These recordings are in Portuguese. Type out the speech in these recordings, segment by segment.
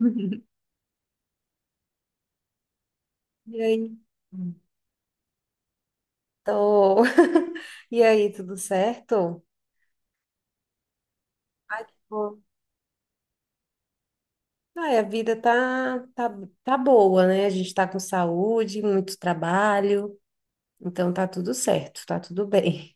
E aí? Tô. E aí, tudo certo? Ai, que bom. Ai, a vida tá boa, né? A gente tá com saúde, muito trabalho, então tá tudo certo, tá tudo bem.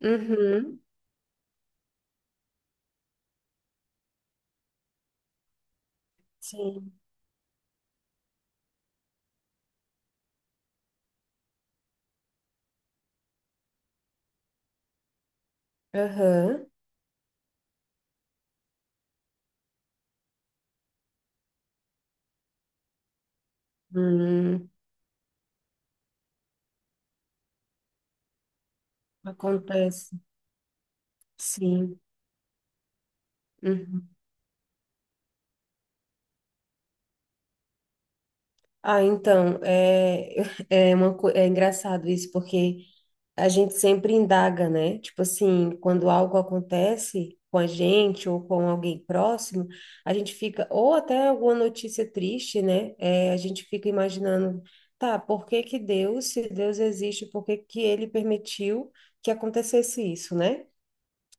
Uhum, sim. Aham. Hum, Acontece. Sim. Uhum. Ah, então, é, é, é engraçado isso, porque a gente sempre indaga, né? Tipo assim, quando algo acontece com a gente ou com alguém próximo, a gente fica, ou até alguma notícia triste, né? É, a gente fica imaginando, tá, por que que Deus, se Deus existe, por que que ele permitiu que acontecesse isso, né?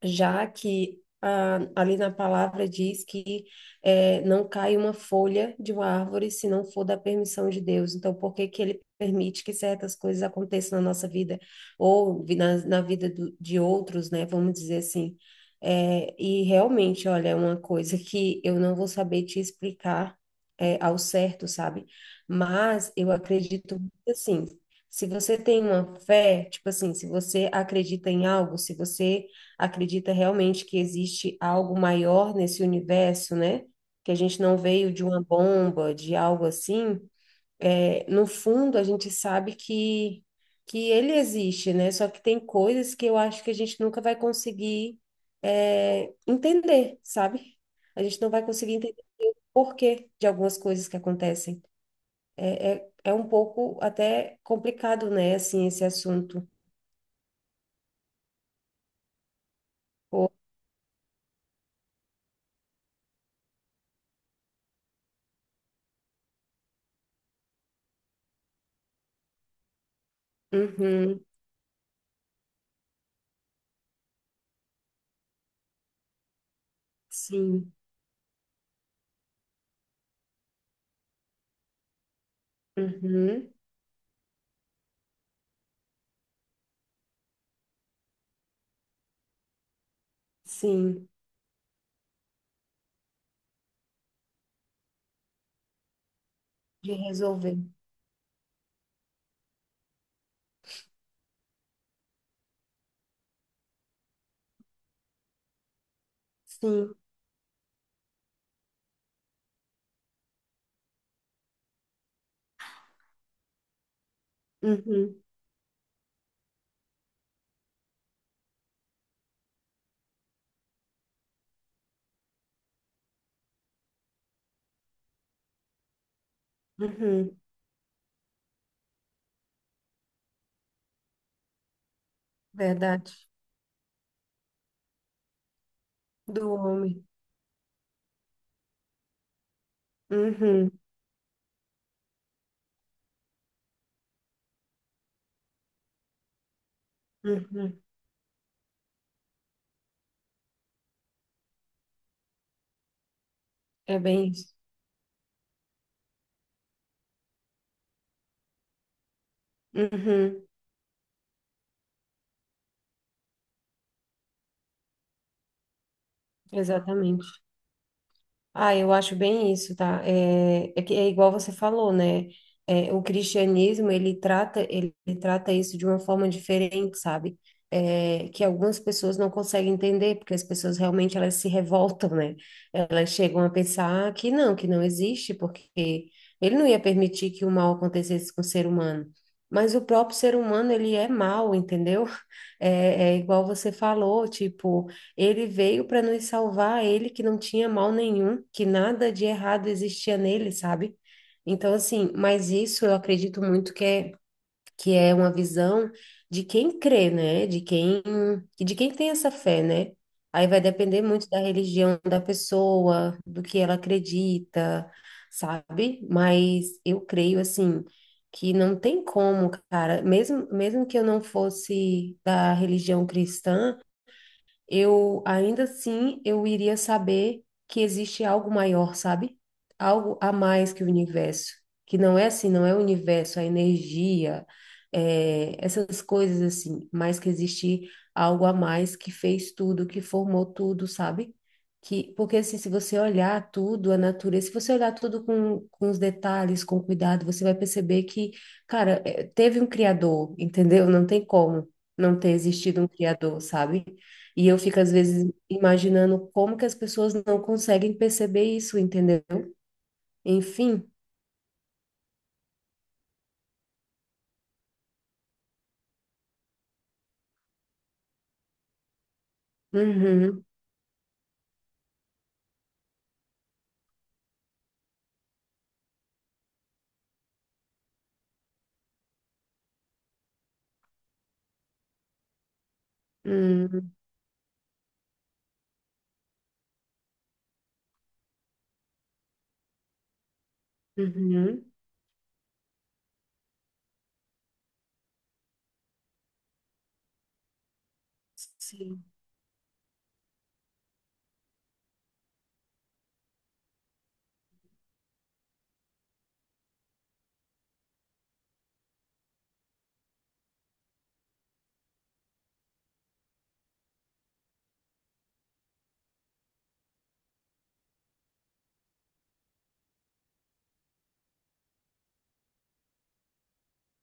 Já que ah, ali na palavra diz que não cai uma folha de uma árvore se não for da permissão de Deus. Então, por que que ele permite que certas coisas aconteçam na nossa vida ou na vida de outros, né? Vamos dizer assim. E realmente, olha, é uma coisa que eu não vou saber te explicar ao certo, sabe? Mas eu acredito assim. Se você tem uma fé, tipo assim, se você acredita em algo, se você acredita realmente que existe algo maior nesse universo, né? Que a gente não veio de uma bomba, de algo assim. É, no fundo, a gente sabe que ele existe, né? Só que tem coisas que eu acho que a gente nunca vai conseguir, é, entender, sabe? A gente não vai conseguir entender o porquê de algumas coisas que acontecem. É, é um pouco até complicado, né? Assim, esse assunto. Pô. Uhum, sim, uhum, sim. De resolver. Sim. Uhum. Uhum. Verdade. Do homem. Uhum. Uhum. É bem isso. Uhum. Exatamente. Ah, eu acho bem isso, tá? É, é que é igual você falou, né? É, o cristianismo, ele trata isso de uma forma diferente, sabe? É, que algumas pessoas não conseguem entender, porque as pessoas realmente elas se revoltam, né? Elas chegam a pensar que não existe, porque ele não ia permitir que o mal acontecesse com o ser humano. Mas o próprio ser humano, ele é mal, entendeu? É igual você falou, tipo. Ele veio para nos salvar, ele que não tinha mal nenhum, que nada de errado existia nele, sabe? Então, assim, mas isso eu acredito muito que é uma visão de quem crê, né? De quem tem essa fé, né? Aí vai depender muito da religião da pessoa, do que ela acredita, sabe? Mas eu creio, assim, que não tem como, cara, mesmo, mesmo que eu não fosse da religião cristã, eu ainda assim eu iria saber que existe algo maior, sabe? Algo a mais que o universo, que não é assim, não é o universo, a energia, é, essas coisas assim, mas que existe algo a mais que fez tudo, que formou tudo, sabe? Que, porque assim, se você olhar tudo, a natureza, se você olhar tudo com os detalhes, com cuidado, você vai perceber que, cara, é, teve um criador, entendeu? Não tem como não ter existido um criador, sabe? E eu fico, às vezes, imaginando como que as pessoas não conseguem perceber isso, entendeu? Enfim. Uhum, uhum, uhum. Sim.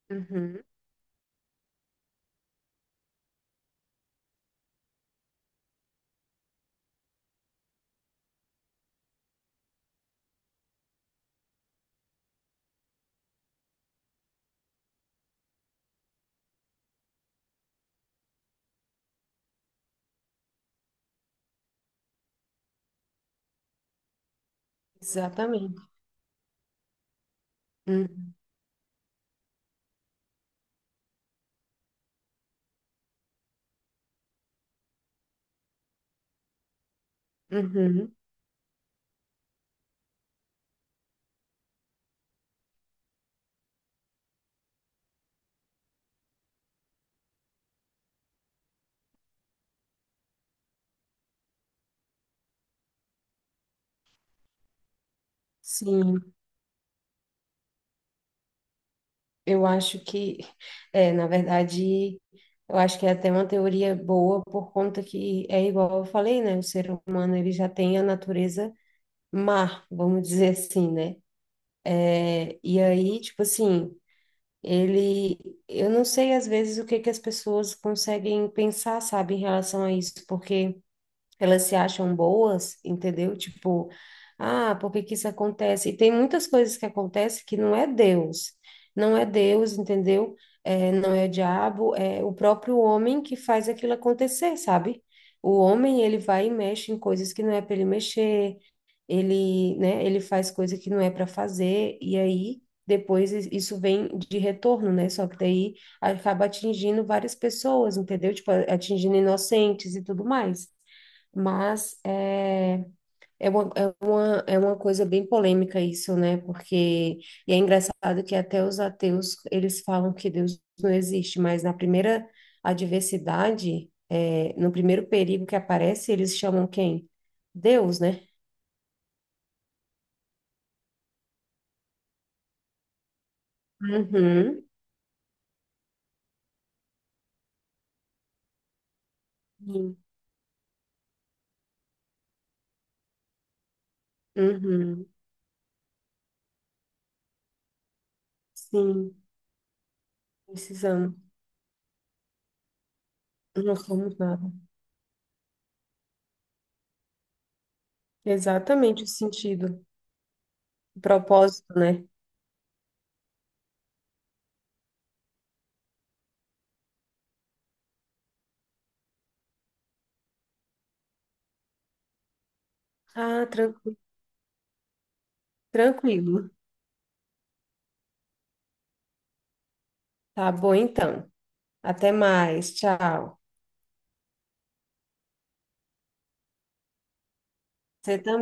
Uhum, exatamente. Uhum, uhum, sim. Eu acho que, é, na verdade, eu acho que é até uma teoria boa por conta que é igual eu falei, né? O ser humano ele já tem a natureza má, vamos dizer assim, né? E aí, tipo assim, ele, eu não sei às vezes o que que as pessoas conseguem pensar, sabe, em relação a isso, porque elas se acham boas, entendeu? Tipo, ah, por que que isso acontece? E tem muitas coisas que acontecem que não é Deus, não é Deus, entendeu? É, não é o diabo, é o próprio homem que faz aquilo acontecer, sabe? O homem, ele vai e mexe em coisas que não é para ele mexer, ele, né, ele faz coisa que não é para fazer, e aí depois isso vem de retorno, né? Só que daí acaba atingindo várias pessoas, entendeu? Tipo, atingindo inocentes e tudo mais. Mas é, é uma coisa bem polêmica isso, né? Porque, e é engraçado que até os ateus, eles falam que Deus não existe, mas na primeira adversidade, é, no primeiro perigo que aparece, eles chamam quem? Deus, né? Uhum. Sim, uhum, sim, precisamos. Não somos nada. Exatamente o sentido, o propósito, né? Ah, tranquilo, tranquilo. Tá bom, então. Até mais. Tchau. Você também.